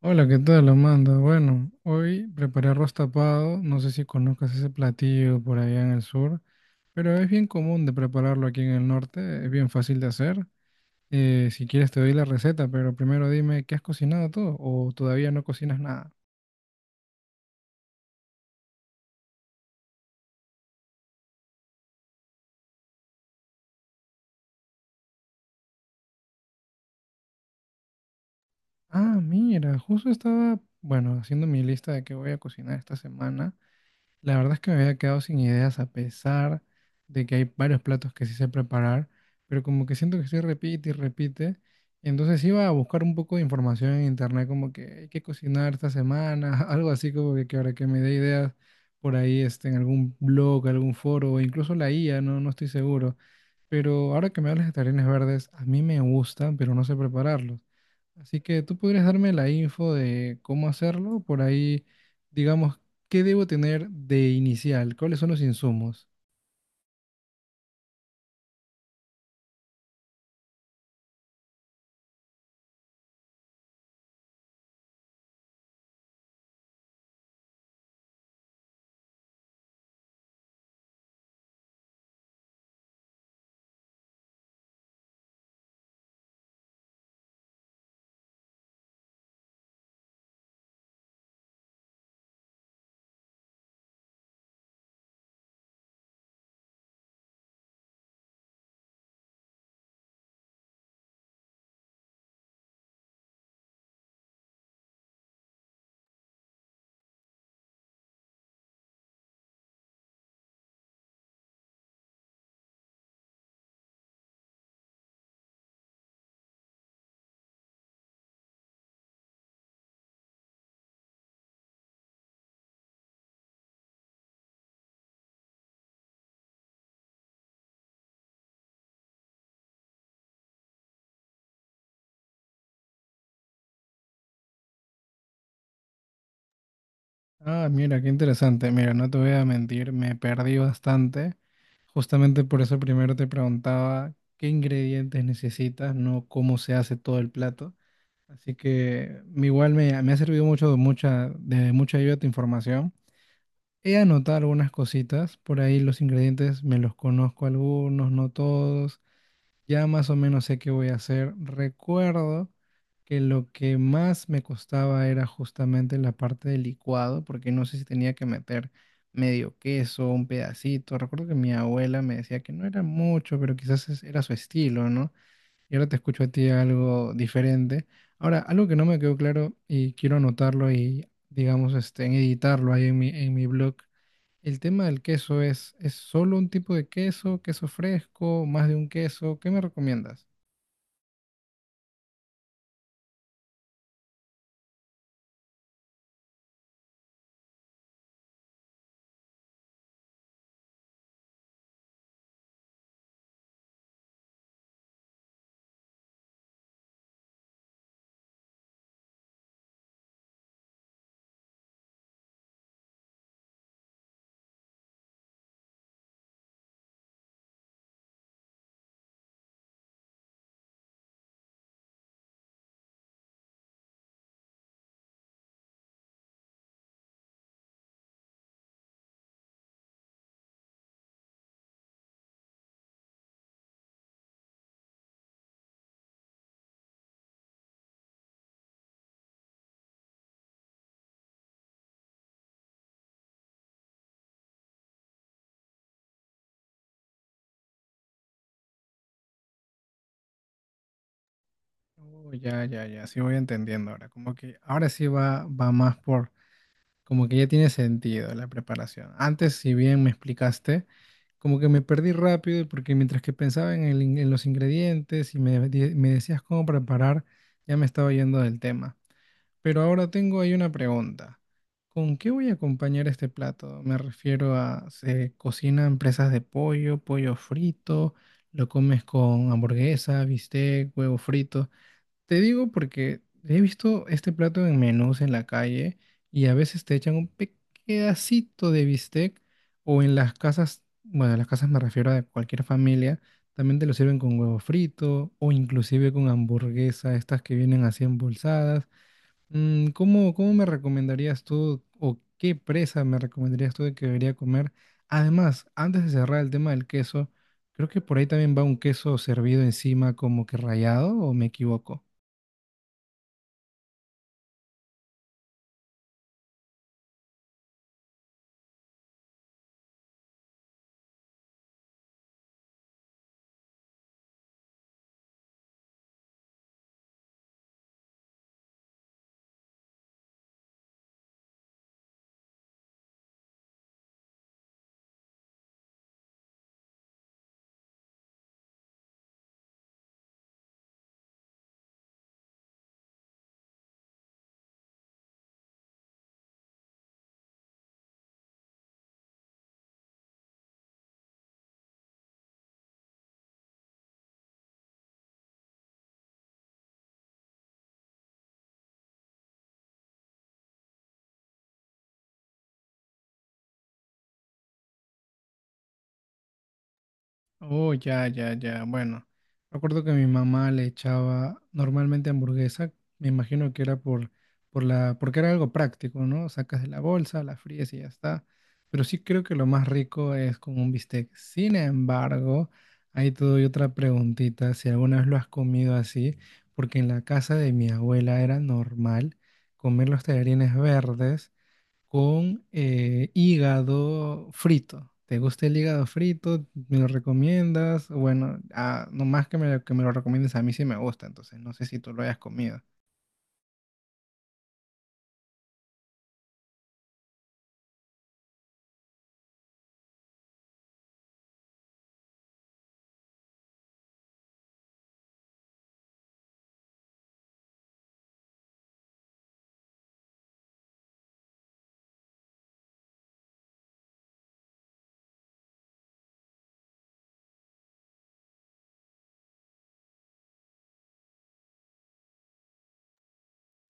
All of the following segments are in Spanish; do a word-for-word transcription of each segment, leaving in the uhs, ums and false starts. Hola, ¿qué tal, Amanda? Bueno, hoy preparé arroz tapado. No sé si conozcas ese platillo por allá en el sur, pero es bien común de prepararlo aquí en el norte. Es bien fácil de hacer. Eh, si quieres te doy la receta, pero primero dime, ¿qué has cocinado tú? ¿O todavía no cocinas nada? Ah, mira, justo estaba, bueno, haciendo mi lista de qué voy a cocinar esta semana. La verdad es que me había quedado sin ideas a pesar de que hay varios platos que sí sé preparar, pero como que siento que sí repite y repite. Y entonces iba a buscar un poco de información en internet, como que hay que cocinar esta semana, algo así como que, que ahora que me dé ideas por ahí este, en algún blog, algún foro, o incluso la I A, no, no estoy seguro. Pero ahora que me hablas de tarines verdes, a mí me gustan, pero no sé prepararlos. Así que tú podrías darme la info de cómo hacerlo, por ahí, digamos, ¿qué debo tener de inicial? ¿Cuáles son los insumos? Ah, mira, qué interesante. Mira, no te voy a mentir, me perdí bastante. Justamente por eso primero te preguntaba qué ingredientes necesitas, no cómo se hace todo el plato. Así que me- igual me, me ha servido mucho de mucha, de mucha ayuda tu información. He anotado algunas cositas, por ahí los ingredientes me los conozco algunos, no todos. Ya más o menos sé qué voy a hacer. Recuerdo que lo que más me costaba era justamente la parte del licuado, porque no sé si tenía que meter medio queso, un pedacito. Recuerdo que mi abuela me decía que no era mucho, pero quizás es- era su estilo, ¿no? Y ahora te escucho a ti algo diferente. Ahora, algo que no me quedó claro y quiero anotarlo y, digamos, este, en editarlo ahí en mi, en mi blog. El tema del queso es, ¿es solo un tipo de queso, queso fresco, más de un queso? ¿Qué me recomiendas? Oh, ya, ya, ya, sí voy entendiendo ahora. Como que ahora sí va, va más por, como que ya tiene sentido la preparación. Antes, si bien me explicaste, como que me perdí rápido porque mientras que pensaba en, el in- en los ingredientes y me, de- me decías cómo preparar, ya me estaba yendo del tema. Pero ahora tengo ahí una pregunta. ¿Con qué voy a acompañar este plato? Me refiero a, se cocinan presas de pollo, pollo frito, lo comes con hamburguesa, bistec, huevo frito. Te digo porque he visto este plato en menús en la calle y a veces te echan un pedacito de bistec o en las casas, bueno, en las casas me refiero a cualquier familia, también te lo sirven con huevo frito o inclusive con hamburguesa, estas que vienen así embolsadas. Mm, ¿Cómo, cómo me recomendarías tú o qué presa me recomendarías tú de que debería comer? Además, antes de cerrar el tema del queso, creo que por ahí también va un queso servido encima como que rallado o me equivoco. Oh, ya, ya, ya. Bueno, recuerdo que mi mamá le echaba normalmente hamburguesa. Me imagino que era por, por la, porque era algo práctico, ¿no? Sacas de la bolsa, la fríes y ya está. Pero sí creo que lo más rico es con un bistec. Sin embargo, ahí te doy otra preguntita, si alguna vez lo has comido así, porque en la casa de mi abuela era normal comer los tallarines verdes con eh, hígado frito. ¿Te gusta el hígado frito? ¿Me lo recomiendas? Bueno, ah, nomás que me, que me lo recomiendes, a mí sí me gusta, entonces no sé si tú lo hayas comido.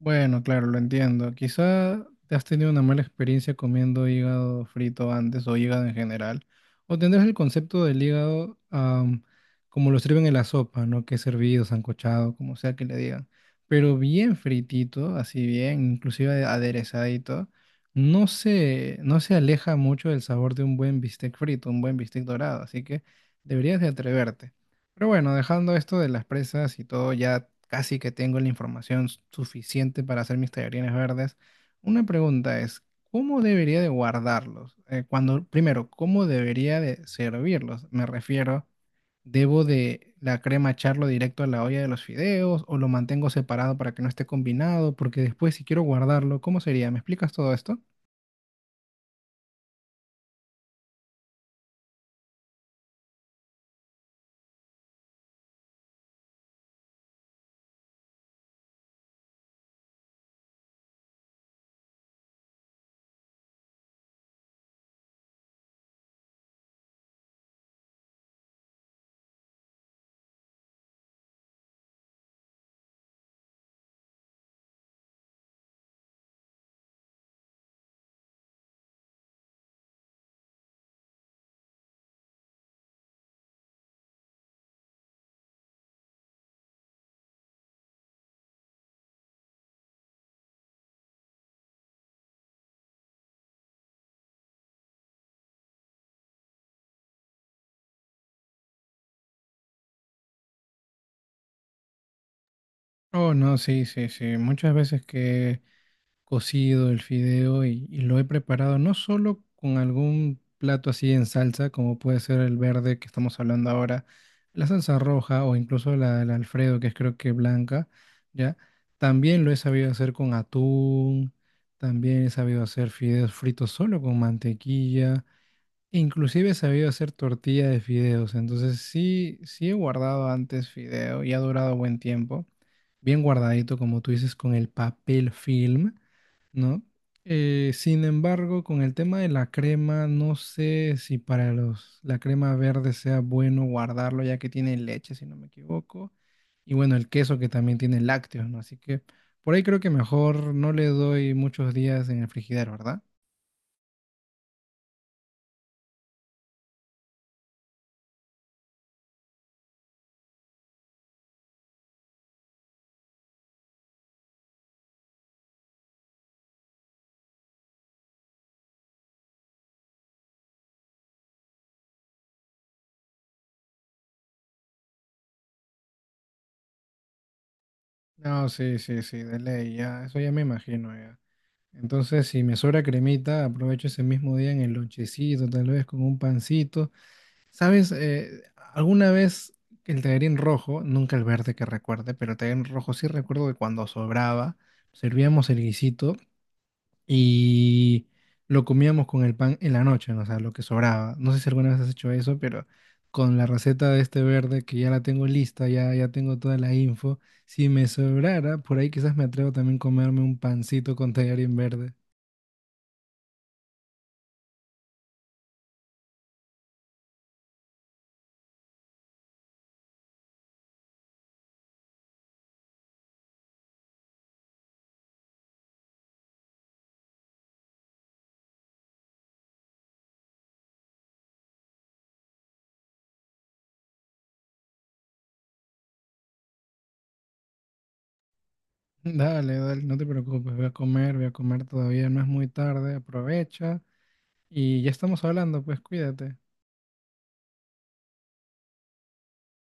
Bueno, claro, lo entiendo. Quizá te has tenido una mala experiencia comiendo hígado frito antes o hígado en general. O tendrás el concepto del hígado am, como lo sirven en la sopa, ¿no? Que es hervido, sancochado, como sea que le digan. Pero bien fritito, así bien, inclusive aderezadito, no se, no se aleja mucho del sabor de un buen bistec frito, un buen bistec dorado. Así que deberías de atreverte. Pero bueno, dejando esto de las presas y todo, ya casi que tengo la información s- suficiente para hacer mis tallarines verdes. Una pregunta es, ¿cómo debería de guardarlos? Eh, cuando, primero, ¿cómo debería de servirlos? Me refiero, ¿debo de la crema echarlo directo a la olla de los fideos o lo mantengo separado para que no esté combinado? Porque después si quiero guardarlo, ¿cómo sería? ¿Me explicas todo esto? Oh, no, sí, sí, sí. Muchas veces que cocido el fideo y, y lo he preparado no solo con algún plato así en salsa, como puede ser el verde que estamos hablando ahora, la salsa roja o incluso la, la Alfredo, que es creo que blanca, ¿ya? También lo he sabido hacer con atún, también he sabido hacer fideos fritos solo con mantequilla, e inclusive he sabido hacer tortilla de fideos, entonces sí, sí he guardado antes fideo y ha durado buen tiempo, bien guardadito como tú dices con el papel film. ¿No? Eh, sin embargo, con el tema de la crema, no sé si para los, la crema verde sea bueno guardarlo, ya que tiene leche, si no me equivoco. Y bueno, el queso que también tiene lácteos, ¿no? Así que por ahí creo que mejor no le doy muchos días en el frigidero, ¿verdad? No, sí, sí, sí, de ley, ya, eso ya me imagino, ya. Entonces, si me sobra cremita, aprovecho ese mismo día en el lonchecito, tal vez con un pancito. ¿Sabes? Eh, alguna vez el tallarín rojo, nunca el verde que recuerde, pero el tallarín rojo sí recuerdo que cuando sobraba, servíamos el guisito y lo comíamos con el pan en la noche, ¿no? O sea, lo que sobraba. No sé si alguna vez has hecho eso, pero con la receta de este verde que ya la tengo lista, ya, ya tengo toda la info, si me sobrara, por ahí quizás me atrevo también a comerme un pancito con tallarín verde. Dale, dale, no te preocupes, voy a comer, voy a comer todavía, no es muy tarde, aprovecha. Y ya estamos hablando, pues cuídate.